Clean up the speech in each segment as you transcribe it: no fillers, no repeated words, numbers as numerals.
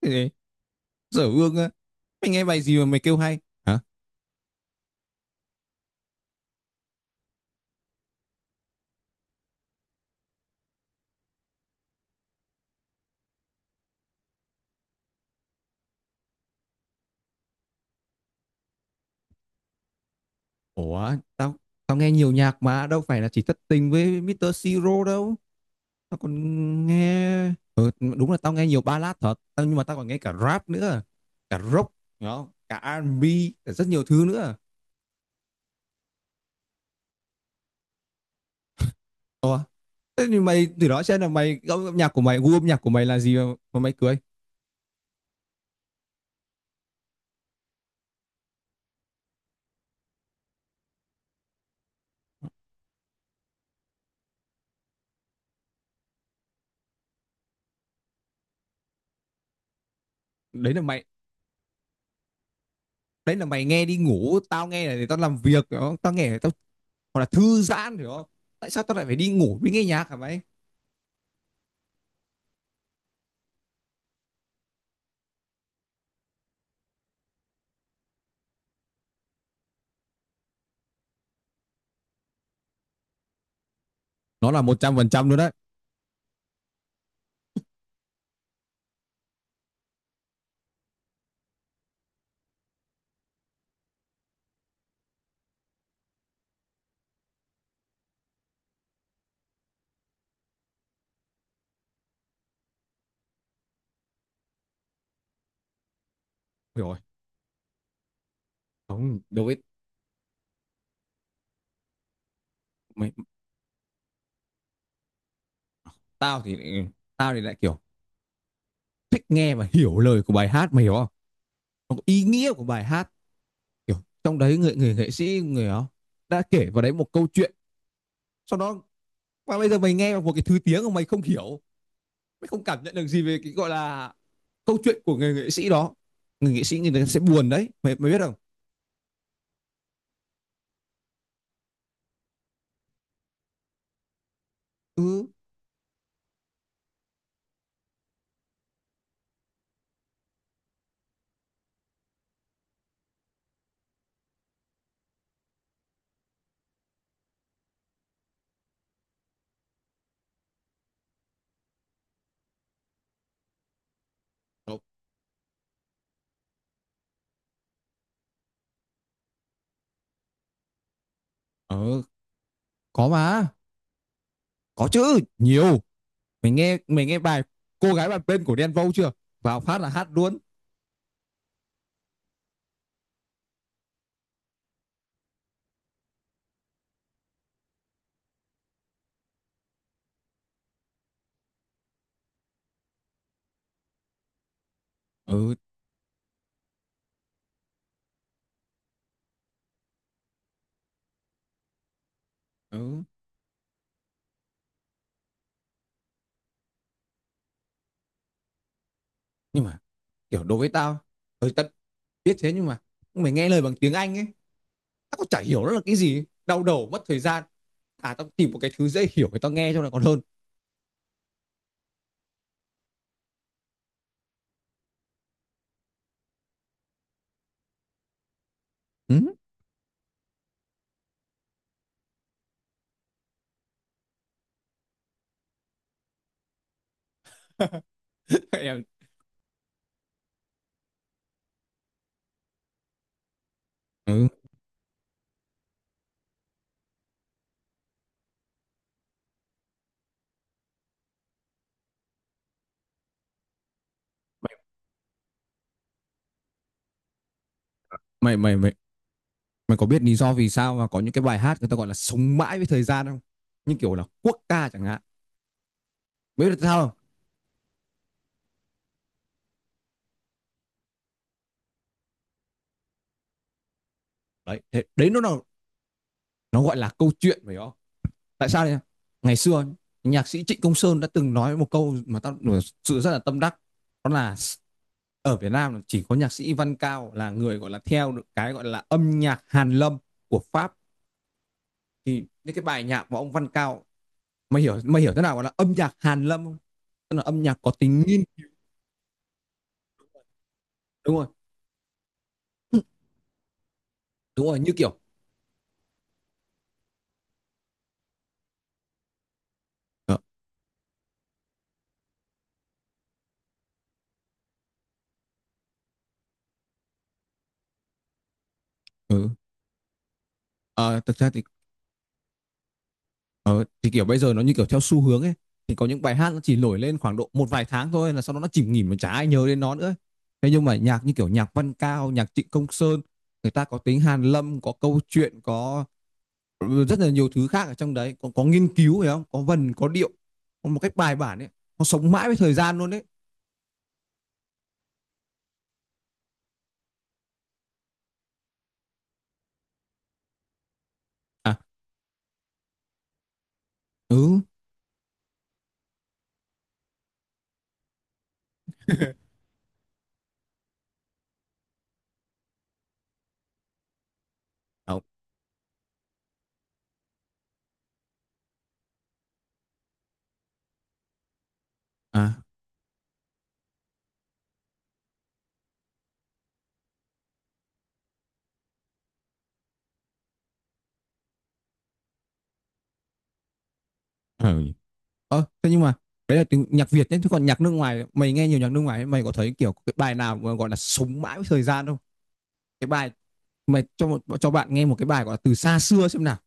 Ê, dở ương á. Mày nghe bài gì mà mày kêu hay? Hả? Ủa, tao tao nghe nhiều nhạc mà đâu phải là chỉ thất tình với Mr. Siro đâu. Tao còn nghe, đúng là tao nghe nhiều ballad thật, nhưng mà tao còn nghe cả rap nữa, cả rock, đó, cả R&B, cả rất nhiều thứ nữa. Ủa, thế thì mày từ đó xem là mày gu âm nhạc của mày, gu âm nhạc của mày là gì mà mày cười? Đấy là mày, đấy là mày nghe đi ngủ, tao nghe là để tao làm việc, đó. Tao nghe để tao hoặc là thư giãn, hiểu không? Tại sao tao lại phải đi ngủ với nghe nhạc hả mày? Nó là 100% luôn đấy. Hiểu rồi. Không đối ấy. Mày, tao thì tao thì lại kiểu thích nghe và hiểu lời của bài hát, mày hiểu không? Nó có ý nghĩa của bài hát, kiểu trong đấy người người nghệ sĩ người đó đã kể vào đấy một câu chuyện, sau đó và bây giờ mày nghe một cái thứ tiếng mà mày không hiểu, mày không cảm nhận được gì về cái gọi là câu chuyện của người nghệ sĩ đó, người nghệ sĩ người ta sẽ buồn đấy mày, mày biết không? Ừ. Ờ ờ, có mà. Có chứ nhiều, mình nghe bài Cô Gái Bàn Bên của Đen Vâu chưa, vào phát là hát luôn? Ừ ừ. Nhưng mà kiểu đối với tao, hơi tất biết thế, nhưng mà mày nghe lời bằng tiếng Anh ấy tao cũng chả hiểu nó là cái gì, đau đầu mất thời gian. À tao tìm một cái thứ dễ hiểu để tao nghe cho nó còn hơn. Ừ. Ừ. mày, mày mày mày mày có biết lý do vì sao mà có những cái bài hát người ta gọi là sống mãi với thời gian không, như kiểu là quốc ca chẳng hạn, biết được sao không? Đấy thế, đấy nó gọi là câu chuyện phải không? Tại sao đấy? Ngày xưa nhạc sĩ Trịnh Công Sơn đã từng nói một câu mà tao thực sự rất là tâm đắc, đó là ở Việt Nam chỉ có nhạc sĩ Văn Cao là người gọi là theo được cái gọi là âm nhạc Hàn Lâm của Pháp. Thì những cái bài nhạc của ông Văn Cao, mày hiểu thế nào gọi là âm nhạc Hàn Lâm không? Tức là âm nhạc có tính nghiên. Đúng rồi, đúng rồi. Như kiểu ờ, ừ. Ờ, thực ra thì kiểu bây giờ nó như kiểu theo xu hướng ấy, thì có những bài hát nó chỉ nổi lên khoảng độ một vài tháng thôi là sau đó nó chìm nghỉm mà chả ai nhớ đến nó nữa. Thế nhưng mà nhạc như kiểu nhạc Văn Cao, nhạc Trịnh Công Sơn người ta có tính hàn lâm, có câu chuyện, có ừ, rất là nhiều thứ khác ở trong đấy, có nghiên cứu phải không, có vần có điệu, có một cách bài bản ấy, nó sống mãi với thời gian luôn đấy. À, ừ. Ờ, à ờ. Ờ, thế nhưng mà đấy là tiếng nhạc Việt nhé, chứ còn nhạc nước ngoài mày nghe nhiều nhạc nước ngoài ấy, mày có thấy kiểu cái bài nào mà gọi là sống mãi với thời gian không? Cái bài, mày cho một cho bạn nghe một cái bài gọi là từ xa xưa xem nào.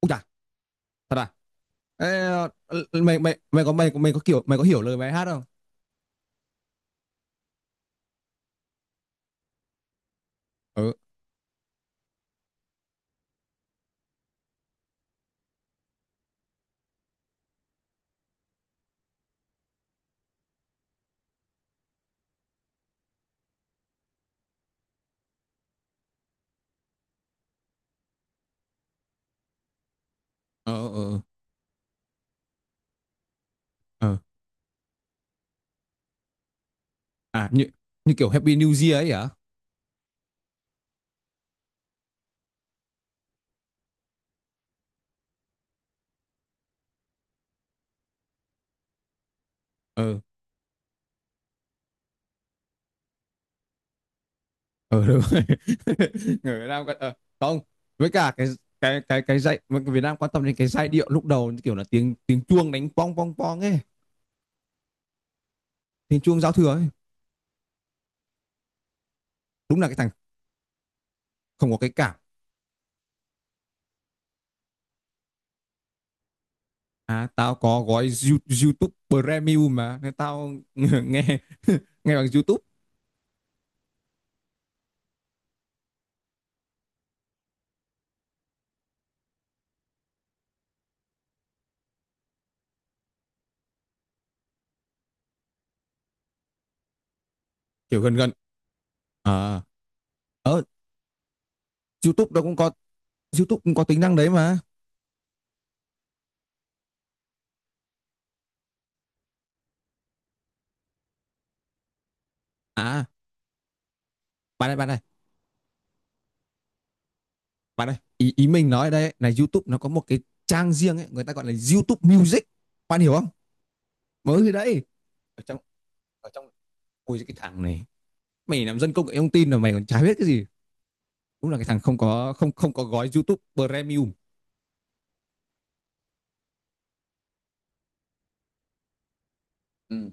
Ui chà, thật à? Ê, ờ, mày mày mày có kiểu mày có hiểu lời bài hát không? Ừ. Ờ ờ ờ, à như như kiểu Happy New Year ấy hả? Ờ ờ, đúng rồi. Người Việt Nam quan- ờ, không, với cả cái dạy người Việt Nam quan tâm đến cái giai điệu lúc đầu như kiểu là tiếng tiếng chuông đánh pong pong pong ấy, tiếng chuông giao thừa ấy. Đúng là cái thằng không có cái cảm. À tao có gói YouTube Premium mà nên tao nghe nghe bằng YouTube. Kiểu gần gần ờ ờ. YouTube nó cũng có YouTube cũng có tính năng đấy mà. À bạn ơi bạn ơi bạn ơi, ý ý mình nói ở đây ấy, là YouTube nó có một cái trang riêng ấy, người ta gọi là YouTube Music, bạn hiểu không? Mới thì đấy. Ở trong ở trong ôi cái thằng này, mày làm dân công nghệ thông tin mà mày còn chả biết cái gì. Đúng là cái thằng không có không không có gói YouTube Premium. Ừ.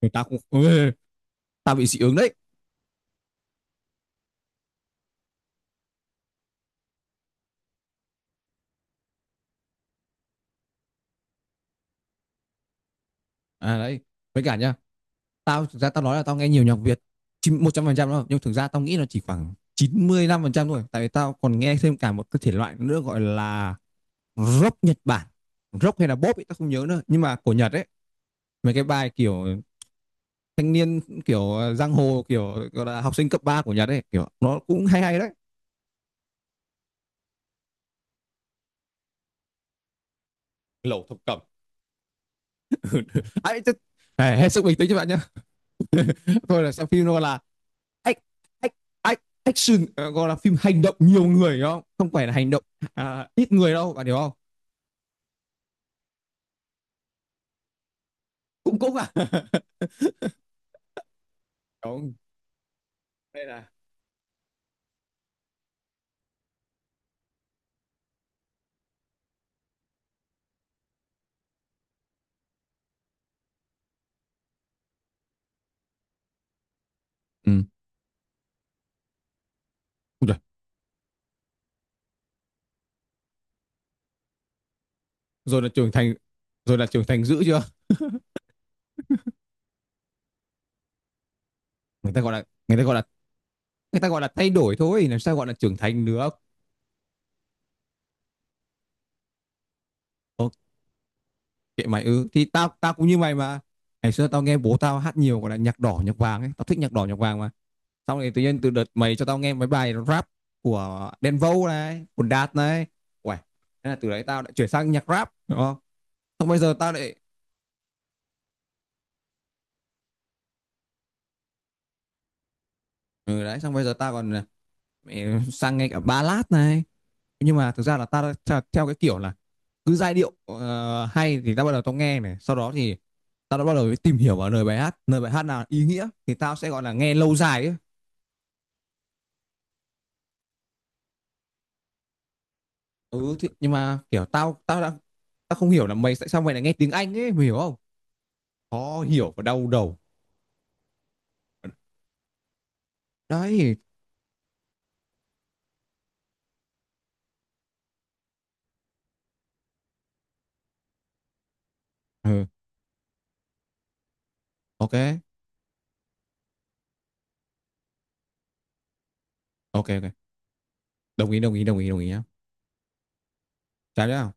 Người ta cũng. Ê, tao bị dị ứng đấy. À đấy, với cả nhá, tao thực ra tao nói là tao nghe nhiều nhạc Việt 100% đâu, nhưng thực ra tao nghĩ là chỉ khoảng 95% thôi, tại vì tao còn nghe thêm cả một cái thể loại nữa gọi là rock Nhật Bản, rock hay là pop ấy tao không nhớ nữa nhưng mà của Nhật ấy, mấy cái bài kiểu thanh niên, kiểu giang hồ, kiểu gọi là học sinh cấp 3 của Nhật ấy, kiểu nó cũng hay hay đấy. Lẩu thập cẩm. Ấy, hết sức bình tĩnh các bạn nhé. Thôi là xem phim nó là action ờ, gọi là phim hành động nhiều người hiểu không, không phải là hành động. À, ít người đâu bạn hiểu không. Cũng cũng à. Đúng. Đây là ừ. Ui rồi là trưởng thành, rồi là trưởng thành dữ chưa? Người ta gọi là thay đổi thôi, làm sao gọi là trưởng thành được? Ok, kệ mày ư? Ừ thì tao tao cũng như mày mà. Ngày xưa tao nghe bố tao hát nhiều gọi là nhạc đỏ nhạc vàng ấy, tao thích nhạc đỏ nhạc vàng mà. Xong rồi tự nhiên từ đợt mày cho tao nghe mấy bài rap của Denvo này, của Đạt này. Uầy, thế là từ đấy tao lại chuyển sang nhạc rap đúng không. Xong bây giờ tao lại ừ đấy, xong bây giờ tao còn ờ, mẹ, sang nghe cả ballad này. Nhưng mà thực ra là tao theo cái kiểu là cứ giai điệu ờ, hay thì tao bắt đầu tao nghe này, sau đó thì tao đã bắt đầu tìm hiểu vào lời bài hát, lời bài hát nào ý nghĩa thì tao sẽ gọi là nghe lâu dài ấy. Ừ thì, nhưng mà kiểu tao tao đã tao không hiểu là tại sao mày lại nghe tiếng Anh ấy, mày hiểu không? Khó hiểu và đau đầu đấy. Ừ, ok ok ok, đồng ý đồng ý đồng ý đồng ý nhá. Cái đó.